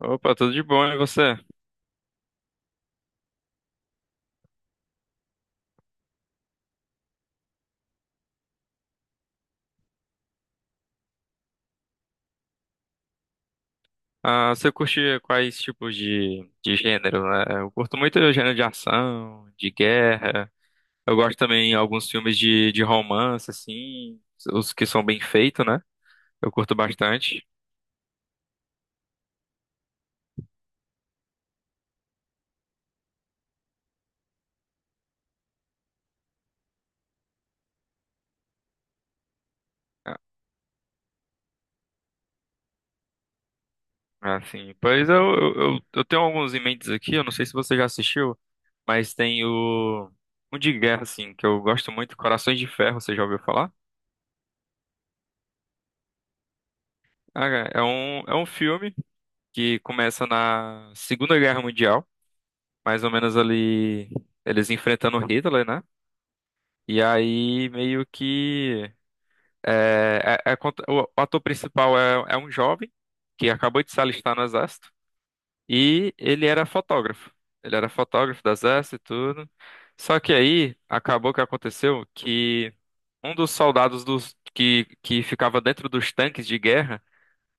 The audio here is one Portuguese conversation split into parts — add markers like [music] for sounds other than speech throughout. Opa, tudo de bom, e você? Ah, você curte quais tipos de gênero, né? Eu curto muito o gênero de ação, de guerra. Eu gosto também de alguns filmes de romance, assim, os que são bem feitos, né? Eu curto bastante. Ah, Assim, pois eu tenho alguns em mentes aqui, eu não sei se você já assistiu, mas tem o um de guerra, assim, que eu gosto muito, Corações de Ferro, você já ouviu falar? Ah, é um filme que começa na Segunda Guerra Mundial, mais ou menos ali, eles enfrentando o Hitler, né? E aí meio que o ator principal é um jovem que acabou de se alistar no exército e ele era fotógrafo. Ele era fotógrafo do exército e tudo. Só que aí acabou que aconteceu que um dos soldados que ficava dentro dos tanques de guerra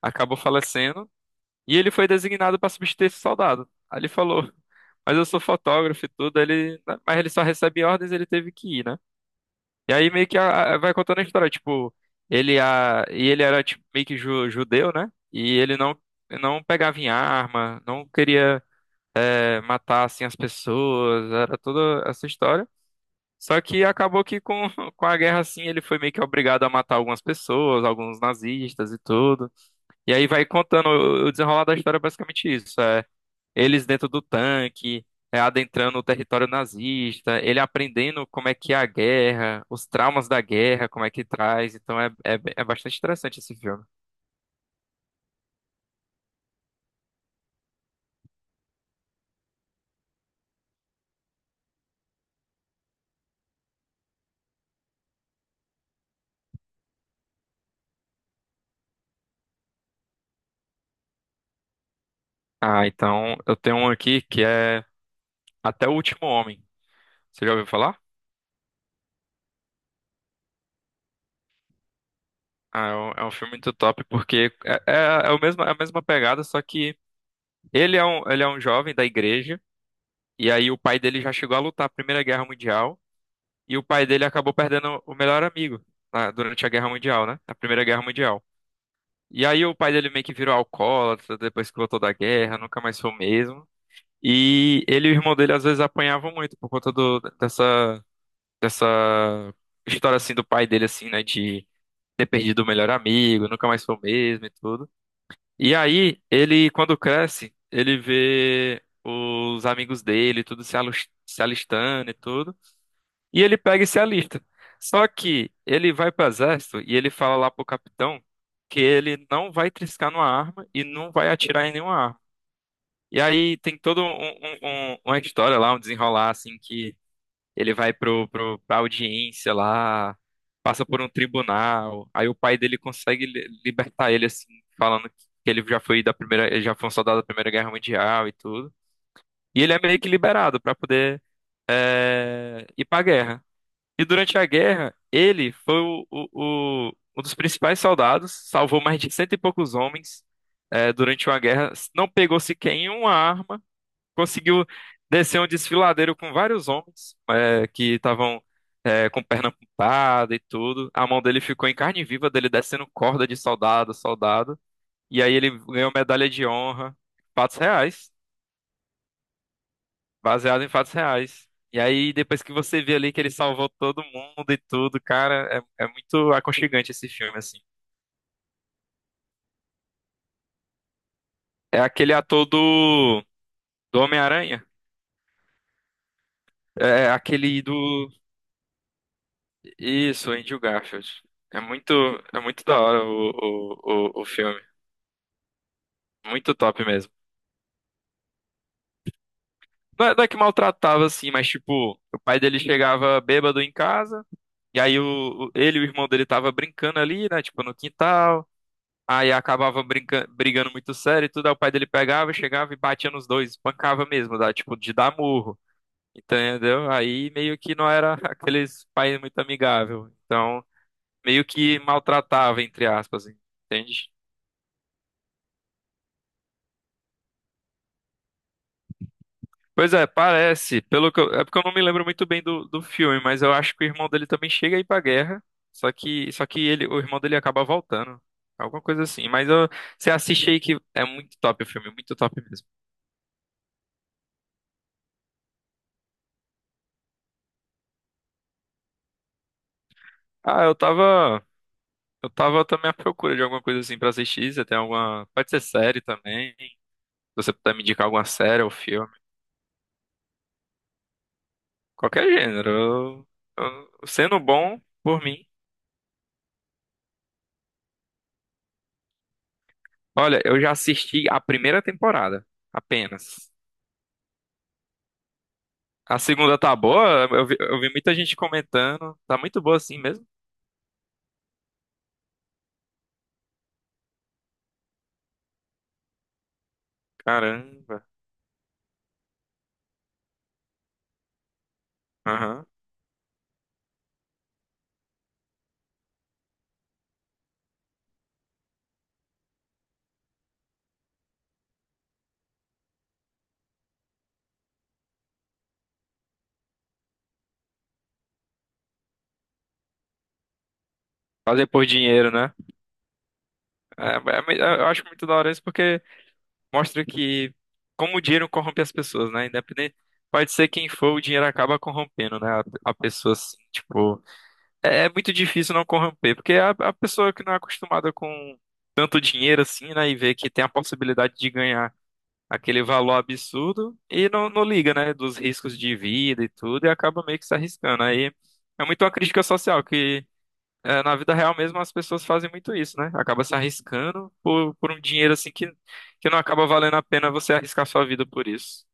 acabou falecendo e ele foi designado para substituir esse soldado. Aí ele falou, mas eu sou fotógrafo e tudo, mas ele só recebe ordens, ele teve que ir, né? E aí meio que vai contando a história, tipo, e ele era tipo, meio que judeu, né? E ele não, não pegava em arma, não queria, matar assim as pessoas, era toda essa história. Só que acabou que com, [laughs] com a guerra assim, ele foi meio que obrigado a matar algumas pessoas, alguns nazistas e tudo. E aí vai contando o desenrolar da história, é basicamente isso. Eles dentro do tanque, adentrando o território nazista, ele aprendendo como é que é a guerra, os traumas da guerra, como é que traz. Então é bastante interessante esse filme. Ah, então eu tenho um aqui que é Até o Último Homem. Você já ouviu falar? Ah, é um filme muito top porque é o mesmo, é a mesma pegada, só que ele é um jovem da igreja, e aí o pai dele já chegou a lutar a Primeira Guerra Mundial, e o pai dele acabou perdendo o melhor amigo. Durante a Guerra Mundial, né? A Primeira Guerra Mundial. E aí o pai dele meio que virou alcoólatra depois que voltou da guerra, nunca mais foi o mesmo. E ele e o irmão dele às vezes apanhavam muito por conta dessa história assim do pai dele assim, né, de ter perdido o melhor amigo, nunca mais foi o mesmo e tudo. E aí ele quando cresce, ele vê os amigos dele, tudo se alistando e tudo. E ele pega e se alista. Só que ele vai para o exército e ele fala lá pro capitão que ele não vai triscar numa arma e não vai atirar em nenhuma arma. E aí tem toda uma história lá, um desenrolar assim que ele vai pra audiência lá, passa por um tribunal, aí o pai dele consegue libertar ele assim, falando que ele já foi da primeira, ele já foi um soldado da Primeira Guerra Mundial e tudo. E ele é meio que liberado para poder ir para a guerra. E durante a guerra, ele foi um dos principais soldados, salvou mais de cento e poucos homens durante uma guerra, não pegou sequer em uma arma, conseguiu descer um desfiladeiro com vários homens que estavam com perna amputada e tudo. A mão dele ficou em carne viva, dele descendo corda de soldado, a soldado. E aí ele ganhou medalha de honra, fatos reais, baseado em fatos reais. E aí, depois que você vê ali que ele salvou todo mundo e tudo, cara, é muito aconchegante esse filme, assim. É aquele ator do Homem-Aranha. É é aquele do. Isso, Andrew Garfield. É muito, é muito da hora o filme. Muito top mesmo. Não é, não é que maltratava, assim, mas tipo, o pai dele chegava bêbado em casa, e aí ele e o irmão dele tava brincando ali, né? Tipo, no quintal. Aí acabava brigando muito sério e tudo. Aí o pai dele pegava, chegava e batia nos dois, espancava mesmo, dá, tipo, de dar murro. Entendeu? Aí meio que não era [laughs] aqueles pais muito amigável. Então, meio que maltratava, entre aspas, entende? Pois é, parece. É porque eu não me lembro muito bem do filme, mas eu acho que o irmão dele também chega a ir pra guerra. O irmão dele acaba voltando. Alguma coisa assim. Você assiste aí que é muito top o filme, muito top mesmo. Ah, eu tava. Eu tava também à procura de alguma coisa assim pra assistir. Você tem alguma. Pode ser série também. Se você puder me indicar alguma série ou filme. Qualquer gênero. Sendo bom, por mim. Olha, eu já assisti a primeira temporada. Apenas. A segunda tá boa. Eu vi muita gente comentando. Tá muito boa assim mesmo. Caramba. Aham. Fazer por dinheiro, né? Eu acho muito da hora isso porque mostra que como o dinheiro corrompe as pessoas, né? Independente, pode ser quem for, o dinheiro acaba corrompendo, né? A pessoa, assim, tipo, é muito difícil não corromper, porque a pessoa que não é acostumada com tanto dinheiro assim, né? E vê que tem a possibilidade de ganhar aquele valor absurdo e não, não liga, né? Dos riscos de vida e tudo, e acaba meio que se arriscando. Aí é muito uma crítica social que na vida real mesmo as pessoas fazem muito isso, né? Acaba se arriscando por um dinheiro assim que não acaba valendo a pena você arriscar sua vida por isso.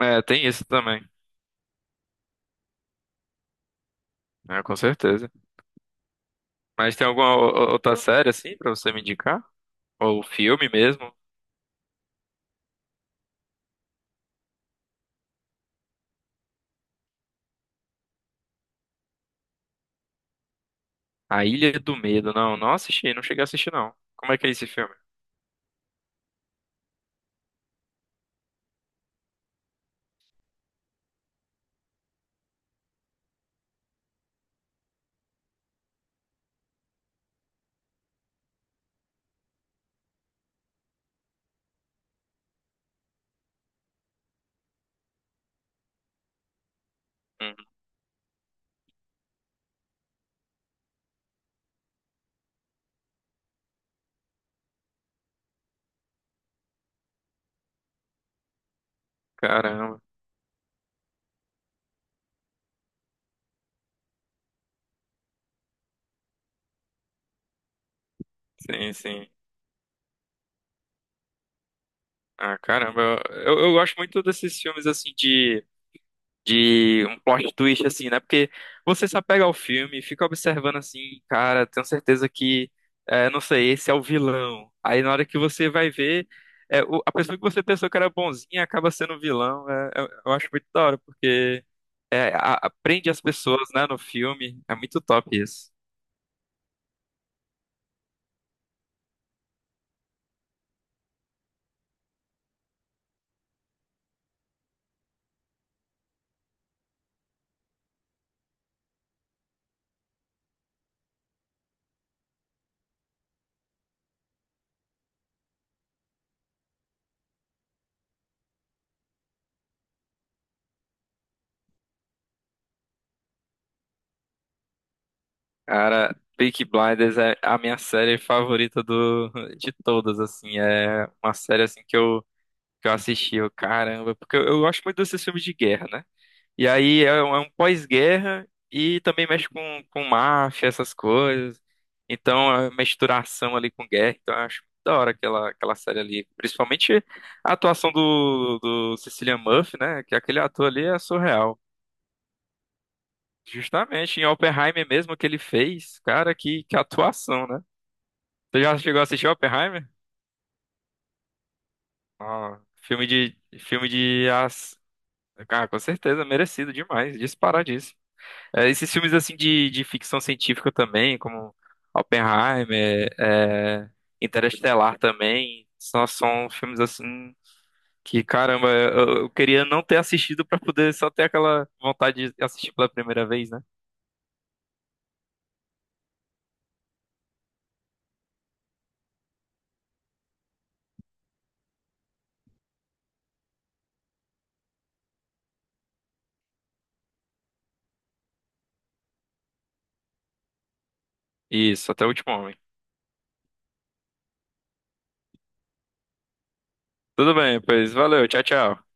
É, tem isso também, é. Com certeza. Mas tem alguma outra série assim pra você me indicar? Ou filme mesmo? A Ilha do Medo. Não, não assisti, não cheguei a assistir não. Como é que é esse filme? Hum, caramba. Sim, sim. Ah, caramba. Eu gosto muito desses filmes assim de um plot twist, assim, né? Porque você se apega ao filme, fica observando assim, cara, tenho certeza que, não sei, esse é o vilão. Aí na hora que você vai ver, a pessoa que você pensou que era bonzinha acaba sendo o vilão. Eu acho muito da hora, porque aprende as pessoas, né, no filme. É muito top isso. Cara, Peaky Blinders é a minha série favorita de todas, assim. É uma série assim que eu assisti, eu, caramba, porque eu gosto muito desses filmes de guerra, né? E aí é um pós-guerra e também mexe com máfia, essas coisas. Então a misturação ali com guerra. Então eu acho muito da hora aquela, aquela série ali. Principalmente a atuação do Cillian Murphy, né? Que aquele ator ali é surreal. Justamente em Oppenheimer mesmo que ele fez. Cara, que atuação, né? Você já chegou a assistir Oppenheimer? Ó, filme de as... Cara, com certeza, merecido demais, disparadíssimo. É, esses filmes assim de ficção científica também, como Oppenheimer, é, Interestelar também, só são filmes assim que, caramba, eu queria não ter assistido pra poder só ter aquela vontade de assistir pela primeira vez, né? Isso, até o último homem. Tudo bem, pois valeu, tchau, tchau.